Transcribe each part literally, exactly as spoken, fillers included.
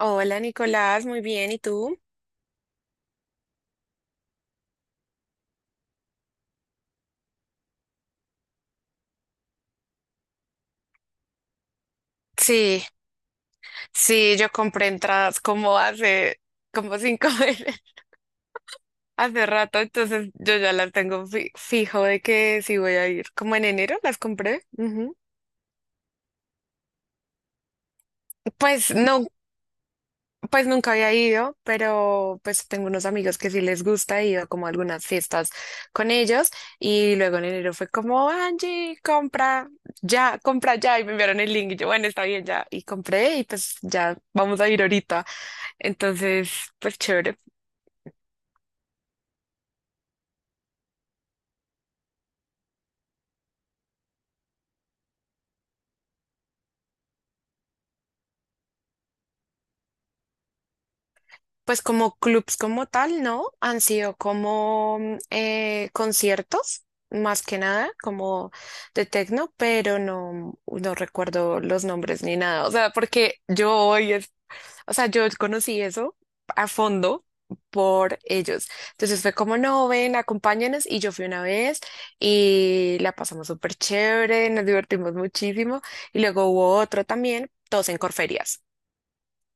Hola Nicolás, muy bien, ¿y tú? Sí, sí, yo compré entradas como hace, como cinco meses, hace rato, entonces yo ya las tengo fi- fijo de que sí voy a ir. Como en enero las compré. Ujú. Pues no, pues nunca había ido, pero pues tengo unos amigos que sí les gusta, he ido como a algunas fiestas con ellos y luego en enero fue como, Angie, compra ya, compra ya, y me enviaron el link y yo, bueno, está bien ya, y compré y pues ya vamos a ir ahorita. Entonces, pues chévere. Pues como clubs como tal, ¿no? Han sido como mm, eh, conciertos, más que nada, como de techno, pero no, no recuerdo los nombres ni nada. O sea, porque yo voy, es O sea, yo conocí eso a fondo por ellos. Entonces fue como, no, ven, acompáñanos. Y yo fui una vez y la pasamos súper chévere, nos divertimos muchísimo. Y luego hubo otro también, todos en Corferias.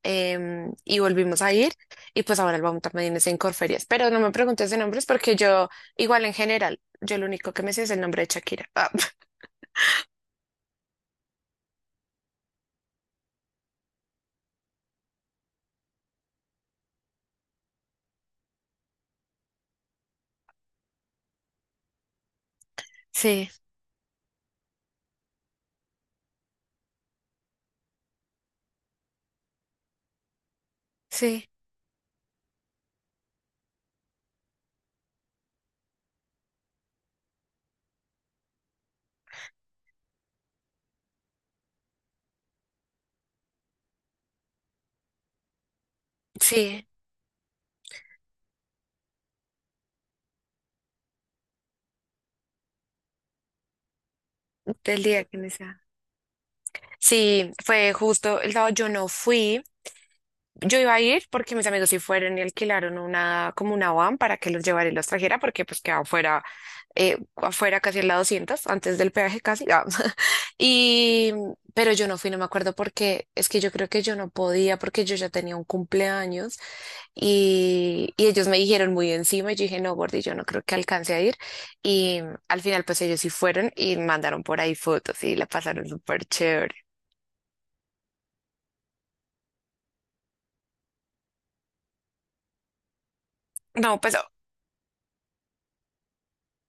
Em, y volvimos a ir y pues ahora el vamos también es en Corferias. Pero no me preguntes de nombres porque yo, igual en general, yo lo único que me sé es el nombre de Shakira. Ah, sí, sí, sí, del día que me sea. Sí, fue justo el sábado, yo no fui. Yo iba a ir porque mis amigos sí fueron y alquilaron una, como una van para que los llevara y los trajera, porque pues quedaba afuera, eh, afuera casi en la doscientos, antes del peaje casi. Ah. Y, pero yo no fui, no me acuerdo porque es que yo creo que yo no podía porque yo ya tenía un cumpleaños y, y ellos me dijeron muy encima y yo dije, no, Gordy, yo no creo que alcance a ir. Y al final pues ellos sí fueron y mandaron por ahí fotos y la pasaron súper chévere. No, pues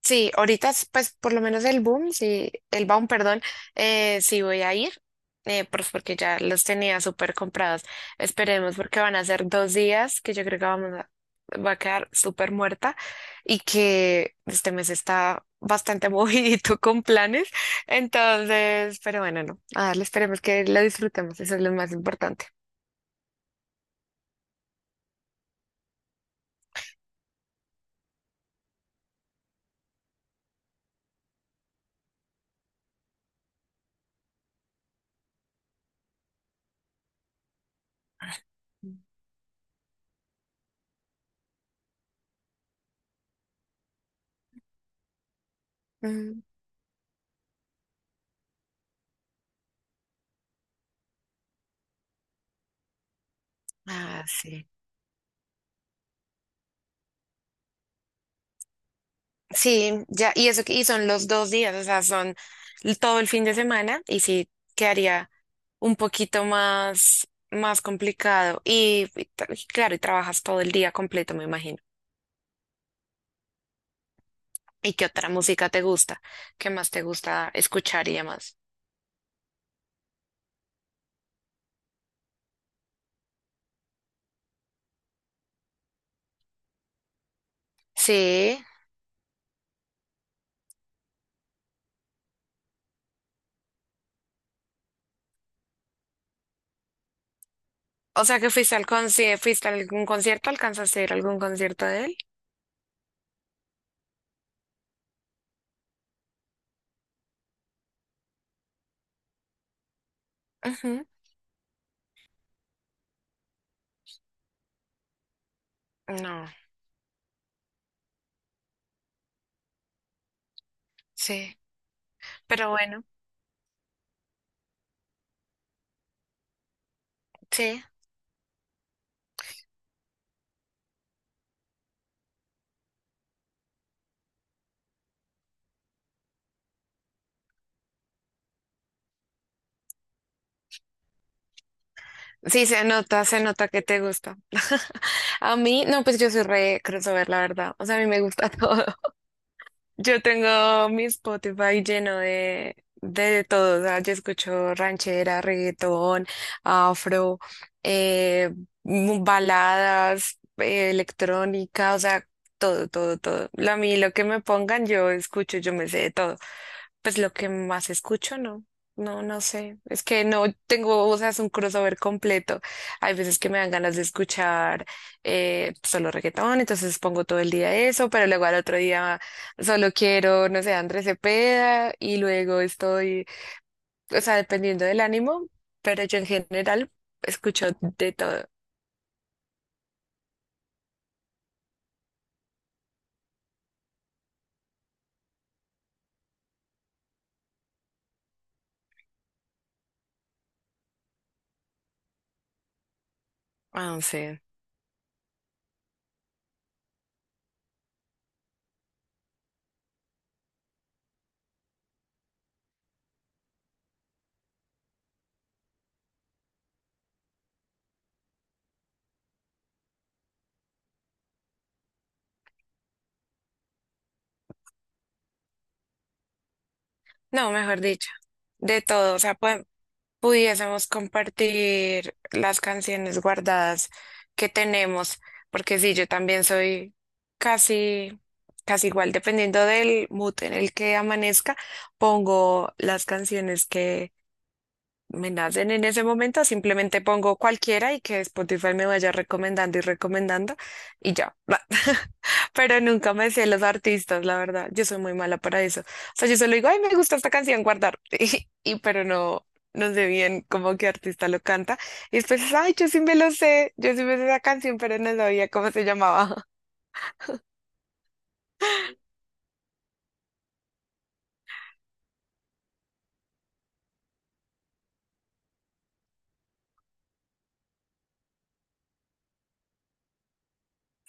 sí, ahorita, es, pues por lo menos el boom, sí, el boom, perdón, eh, sí voy a ir, eh, pues porque ya los tenía súper comprados. Esperemos porque van a ser dos días que yo creo que vamos a, va a quedar súper muerta y que este mes está bastante movidito con planes. Entonces, pero bueno, no, a darle, esperemos que lo disfrutemos, eso es lo más importante. Mm. Ah, sí. Sí, ya, y eso, que- y son los dos días, o sea, son l- todo el fin de semana y sí quedaría un poquito más, más complicado. Y, y tra- y claro, y trabajas todo el día completo, me imagino. ¿Y qué otra música te gusta? ¿Qué más te gusta escuchar y demás? Sí, o sea que fuiste al conci- fuiste a algún concierto, ¿alcanzaste a ir a algún concierto de él? Ujú. No, sí, pero bueno, sí, sí se nota, se nota que te gusta. A mí, no, pues yo soy re crossover, la verdad. O sea, a mí me gusta todo. Yo tengo mi Spotify lleno de, de todo. O sea, yo escucho ranchera, reggaetón, afro, eh, mu- baladas, eh, electrónica, o sea, todo, todo, todo. Lo- A mí, lo que me pongan, yo escucho, yo me sé de todo. Pues lo que más escucho, no, no, no sé. Es que no tengo, o sea, es un crossover completo. Hay veces que me dan ganas de escuchar eh, solo reggaetón, entonces pongo todo el día eso, pero luego al otro día solo quiero, no sé, Andrés Cepeda, y luego estoy, o sea, dependiendo del ánimo, pero yo en general escucho de todo. Ah, no sé, no, mejor dicho, de todo. O sea, pudiésemos compartir las canciones guardadas que tenemos, porque sí, yo también soy casi, casi igual, dependiendo del mood en el que amanezca, pongo las canciones que, me nacen en ese momento, simplemente pongo cualquiera y que Spotify me vaya recomendando y recomendando y ya. Pero nunca me sé los artistas, la verdad. Yo soy muy mala para eso. O sea, yo solo digo, ay, me gusta esta canción, guardar. Y, y- pero no, no sé bien cómo qué artista lo canta. Y después, ay, yo sí me lo sé, yo sí me sé esa canción, pero no sabía cómo se llamaba.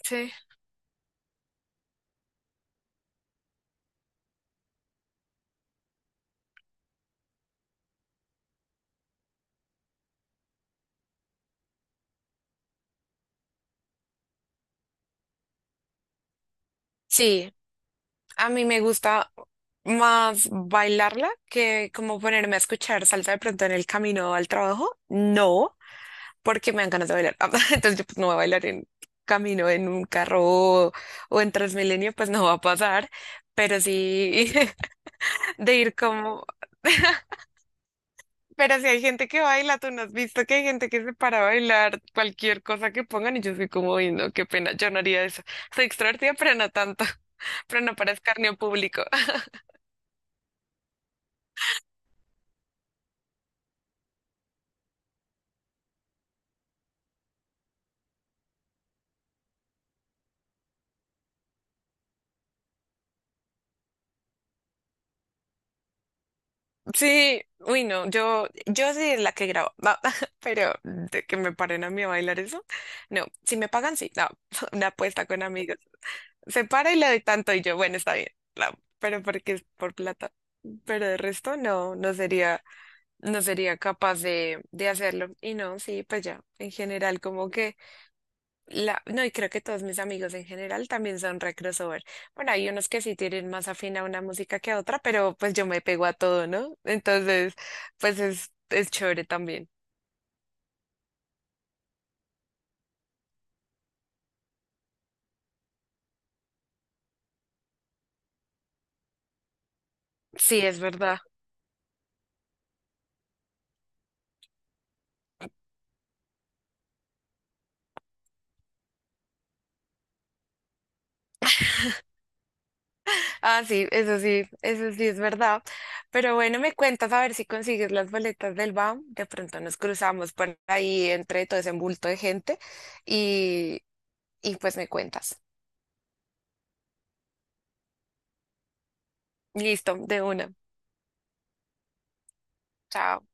Sí. Sí, a mí me gusta más bailarla que como ponerme a escuchar salsa de pronto en el camino al trabajo. No, porque me dan ganas de bailar. Entonces yo pues no voy a bailar en camino en un carro o, o en Transmilenio, pues no va a pasar. Pero sí de ir como... Pero si hay gente que baila, ¿tú no has visto que hay gente que se para a bailar cualquier cosa que pongan? Y yo soy como, "Uy, no, qué pena, yo no haría eso". Soy extrovertida, pero no tanto, pero no para escarnio público. Sí, uy, no, yo, yo sí la que grabo, va, pero de que me paren a mí a bailar eso, no, si me pagan, sí, no, una apuesta con amigos, se para y le doy tanto y yo, bueno, está bien, no, pero porque es por plata, pero de resto no, no sería, no sería capaz de, de hacerlo, y no, sí, pues ya, en general, como que la, no, y creo que todos mis amigos en general también son re crossover. Bueno, hay unos que sí tienen más afín a una música que a otra, pero pues yo me pego a todo, ¿no? Entonces, pues es, es chévere también. Sí, es verdad. Ah, sí, eso sí, eso sí es verdad. Pero bueno, me cuentas a ver si consigues las boletas del B A M. De pronto nos cruzamos por ahí entre todo ese bulto de gente y, y pues me cuentas. Listo, de una. Chao.